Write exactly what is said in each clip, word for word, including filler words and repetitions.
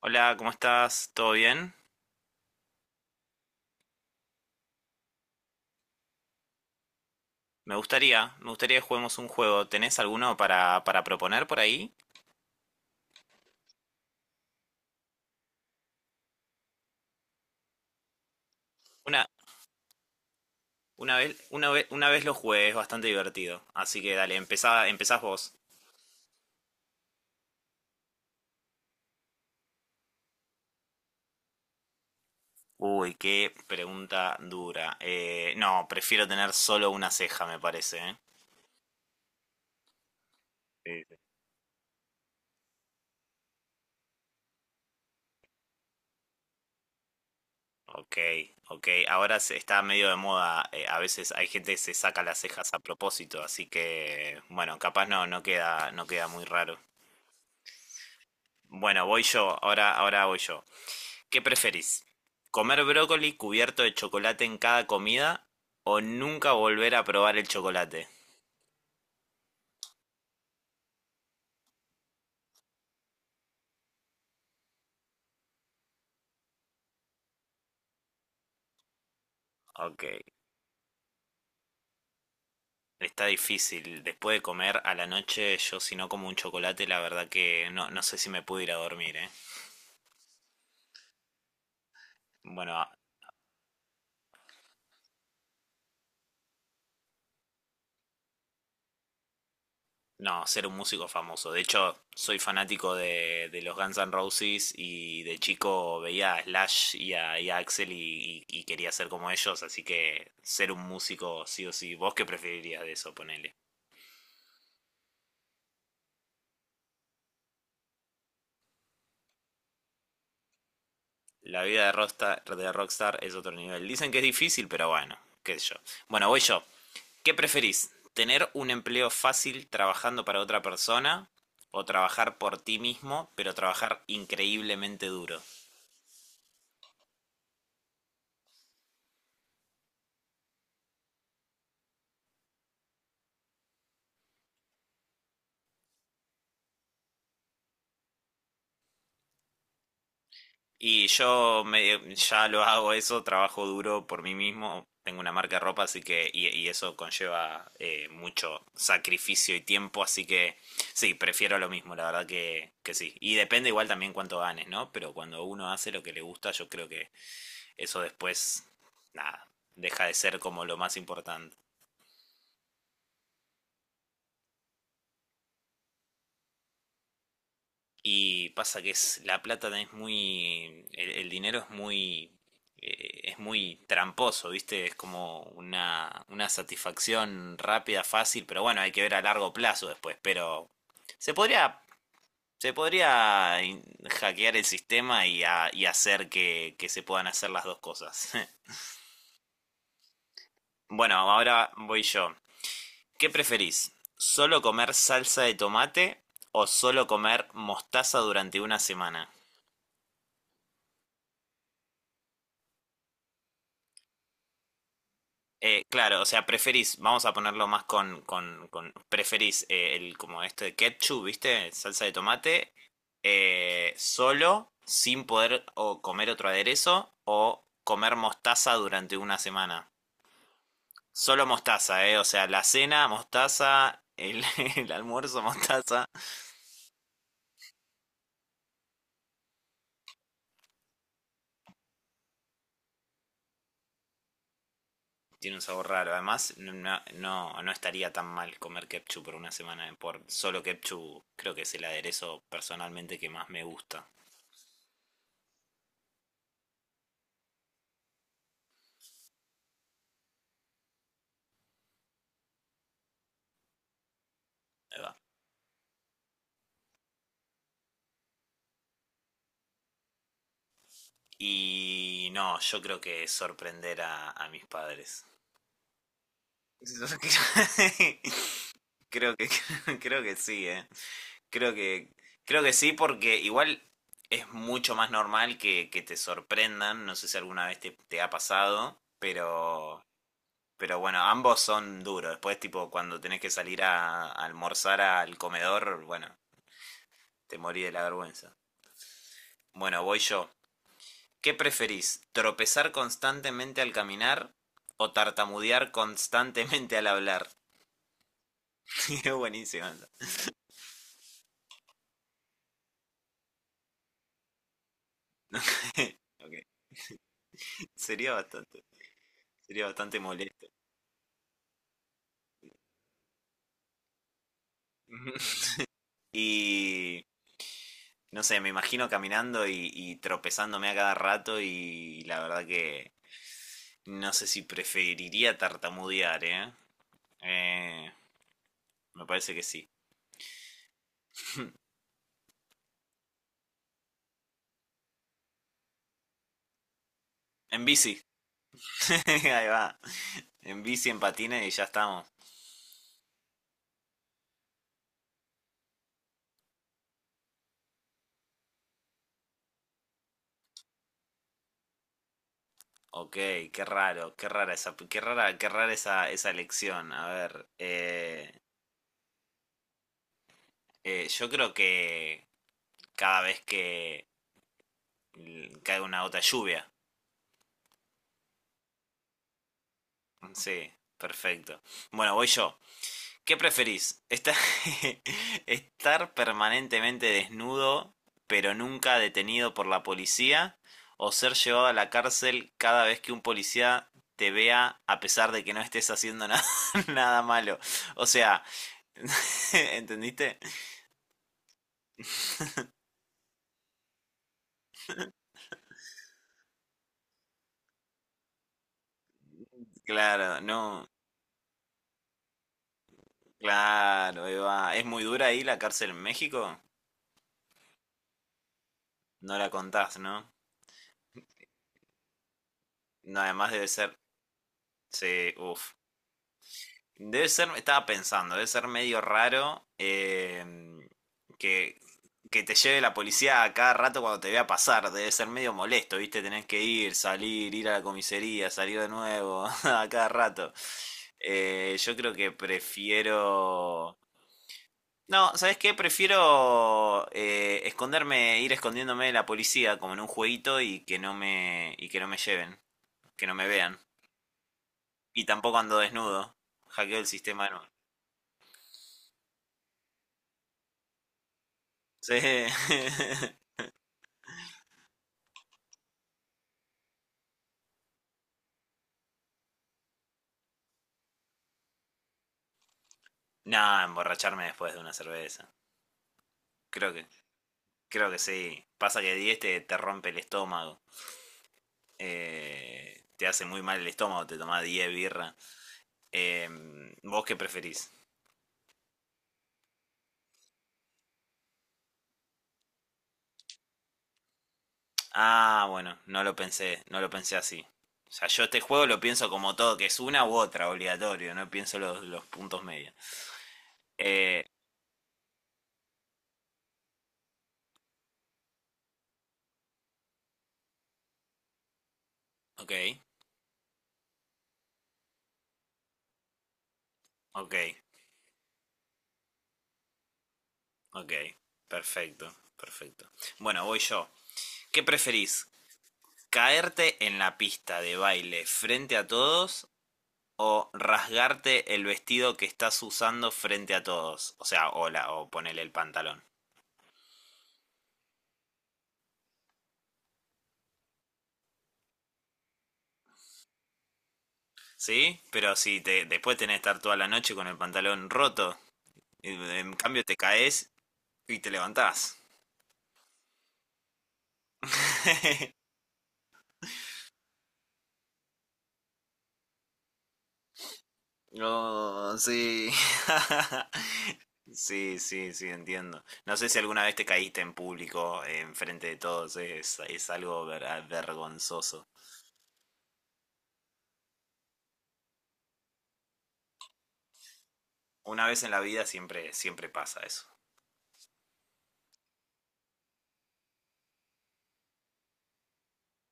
Hola, ¿cómo estás? ¿Todo bien? Me gustaría, me gustaría que juguemos un juego. ¿Tenés alguno para, para proponer por ahí? Una, una vez, una vez, una vez lo jugué, es bastante divertido. Así que dale, empezá, empezás vos. Uy, qué pregunta dura. Eh, no, prefiero tener solo una ceja, me parece, ¿eh? Sí, sí. Ok, ok. Ahora se está medio de moda. Eh, a veces hay gente que se saca las cejas a propósito, así que, bueno, capaz no, no queda, no queda muy raro. Bueno, voy yo, ahora, ahora voy yo. ¿Qué preferís? ¿Comer brócoli cubierto de chocolate en cada comida o nunca volver a probar el chocolate? Ok, está difícil. Después de comer a la noche, yo si no como un chocolate, la verdad que no, no sé si me puedo ir a dormir, ¿eh? Bueno, no, ser un músico famoso. De hecho, soy fanático de, de los Guns N' Roses y de chico veía a Slash y a, y a Axel y, y- y quería ser como ellos, así que ser un músico sí o sí. ¿Vos qué preferirías de eso, ponele? La vida de Rockstar, de Rockstar es otro nivel. Dicen que es difícil, pero bueno, qué sé yo. Bueno, voy yo. ¿Qué preferís? ¿Tener un empleo fácil trabajando para otra persona o trabajar por ti mismo, pero trabajar increíblemente duro? Y yo me- ya lo hago eso, trabajo duro por mí mismo, tengo una marca de ropa, así que, y, y eso conlleva eh, mucho sacrificio y tiempo, así que sí, prefiero lo mismo, la verdad que, que sí. Y depende igual también cuánto ganes, ¿no? Pero cuando uno hace lo que le gusta, yo creo que eso después, nada, deja de ser como lo más importante. Y pasa que es, la plata es muy, el, el dinero es muy, eh, es muy tramposo, ¿viste? Es como una, una satisfacción rápida, fácil, pero bueno, hay que ver a largo plazo después, pero se podría, se podría in- hackear el sistema y, a- y hacer que, que se puedan hacer las dos cosas. Bueno, ahora voy yo. ¿Qué preferís? ¿Solo comer salsa de tomate o solo comer mostaza durante una semana? Eh, claro, o sea, preferís, vamos a ponerlo más con, con, con- preferís eh, el como este de ketchup, ¿viste? Salsa de tomate, eh, solo, sin poder o comer otro aderezo, o comer mostaza durante una semana. Solo mostaza, ¿eh? O sea, la cena, mostaza, el, el almuerzo, mostaza. Tiene un sabor raro. Además, no, no, no no estaría tan mal comer ketchup por una semana. eh, Por solo ketchup, creo que es el aderezo personalmente que más me gusta. Y no, yo creo que sorprender a, a mis padres. creo que creo que sí, eh. Creo que creo que sí porque igual es mucho más normal que, que te sorprendan, no sé si alguna vez te, te ha pasado, pero pero bueno, ambos son duros. Después tipo cuando tenés que salir a, a almorzar al comedor, bueno, te morí de la vergüenza. Bueno, voy yo. ¿Qué preferís? ¿Tropezar constantemente al caminar o tartamudear constantemente al hablar? Es buenísimo. Anda. Ok. Sería bastante, Sería bastante molesto. Y no sé, me imagino caminando y, y tropezándome a cada rato y la verdad que no sé si preferiría tartamudear, ¿eh? Eh, Me parece que sí. En bici. Ahí va. En bici, en patines y ya estamos. Ok, qué raro, qué rara esa, qué rara, qué rara esa, esa elección. A ver, eh, eh, yo creo que cada vez que l- cae una gota de lluvia. Sí, perfecto. Bueno, voy yo. ¿Qué preferís? ¿Estar, estar permanentemente desnudo, pero nunca detenido por la policía? ¿O ser llevado a la cárcel cada vez que un policía te vea a pesar de que no estés haciendo nada, nada malo? O sea, ¿entendiste? Claro, no. Claro, Eva. ¿Es muy dura ahí la cárcel en México? No la contás, ¿no? No, además debe ser... Sí, uff. Debe ser, estaba pensando, debe ser medio raro eh, que, que te lleve la policía a cada rato cuando te vea pasar. Debe ser medio molesto, ¿viste? Tenés que ir, salir, ir a la comisaría, salir de nuevo a cada rato. Eh, yo creo que prefiero... No, ¿sabes qué? Prefiero eh, esconderme, ir escondiéndome de la policía como en un jueguito y que no me, y que no me lleven, que no me vean. Y tampoco ando desnudo. Hackeo el sistema de nuevo. Sí. No, emborracharme después de una cerveza. Creo que, Creo que sí. Pasa que diez te, te rompe el estómago. Eh, te hace muy mal el estómago, te tomás diez birra. Eh, ¿Vos qué preferís? Ah, bueno, no lo pensé, no lo pensé así. O sea, yo este juego lo pienso como todo, que es una u otra, obligatorio, no pienso los, los puntos medios. Eh, ok, ok, ok, perfecto, perfecto. Bueno, voy yo. ¿Qué preferís? ¿Caerte en la pista de baile frente a todos o rasgarte el vestido que estás usando frente a todos? O sea, hola, o ponele el pantalón. ¿Sí? Pero si te, después tenés que estar toda la noche con el pantalón roto, en cambio te caes y te levantás. Oh, sí. Sí, sí, sí, entiendo. No sé si alguna vez te caíste en público, en frente de todos, es, es algo ver- vergonzoso. Una vez en la vida siempre, siempre pasa eso.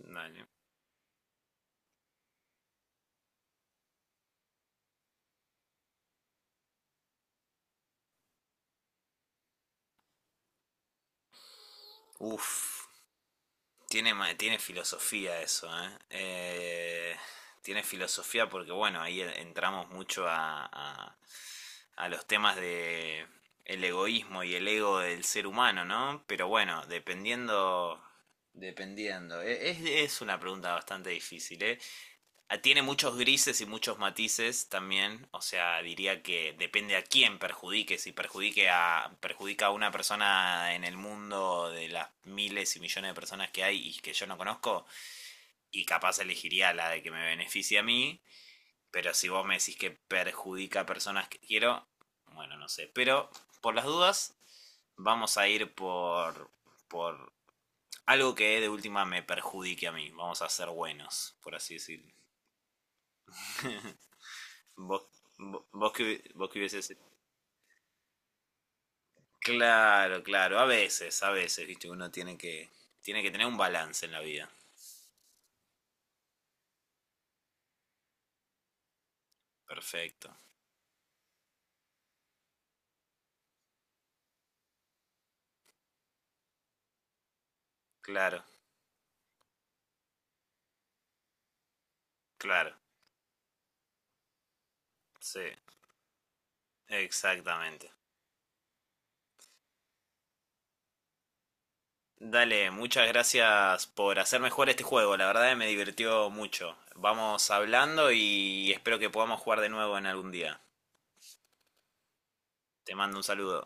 Vale. Uf, tiene, ma- tiene filosofía eso, ¿eh? Eh, Tiene filosofía porque, bueno, ahí e- entramos mucho a, a, a los temas de el egoísmo y el ego del ser humano, ¿no? Pero bueno, dependiendo, dependiendo. E- Es, es una pregunta bastante difícil, ¿eh? Ah, tiene muchos grises y muchos matices también, o sea, diría que depende a quién perjudique, si perjudique a, perjudica a una persona en el mundo de las miles y millones de personas que hay y que yo no conozco, y capaz elegiría la de que me beneficie a mí, pero si vos me decís que perjudica a personas que quiero, bueno, no sé, pero por las dudas vamos a ir por, por algo que de última me perjudique a mí, vamos a ser buenos, por así decirlo. Vos, vos, vos que, hubi- vos que hubieses... Claro, claro, a veces, a veces, viste, uno tiene que, tiene que tener un balance en la vida. Perfecto, claro, claro, sí, exactamente. Dale, muchas gracias por hacerme jugar este juego, la verdad que me divirtió mucho. Vamos hablando y espero que podamos jugar de nuevo en algún día. Te mando un saludo.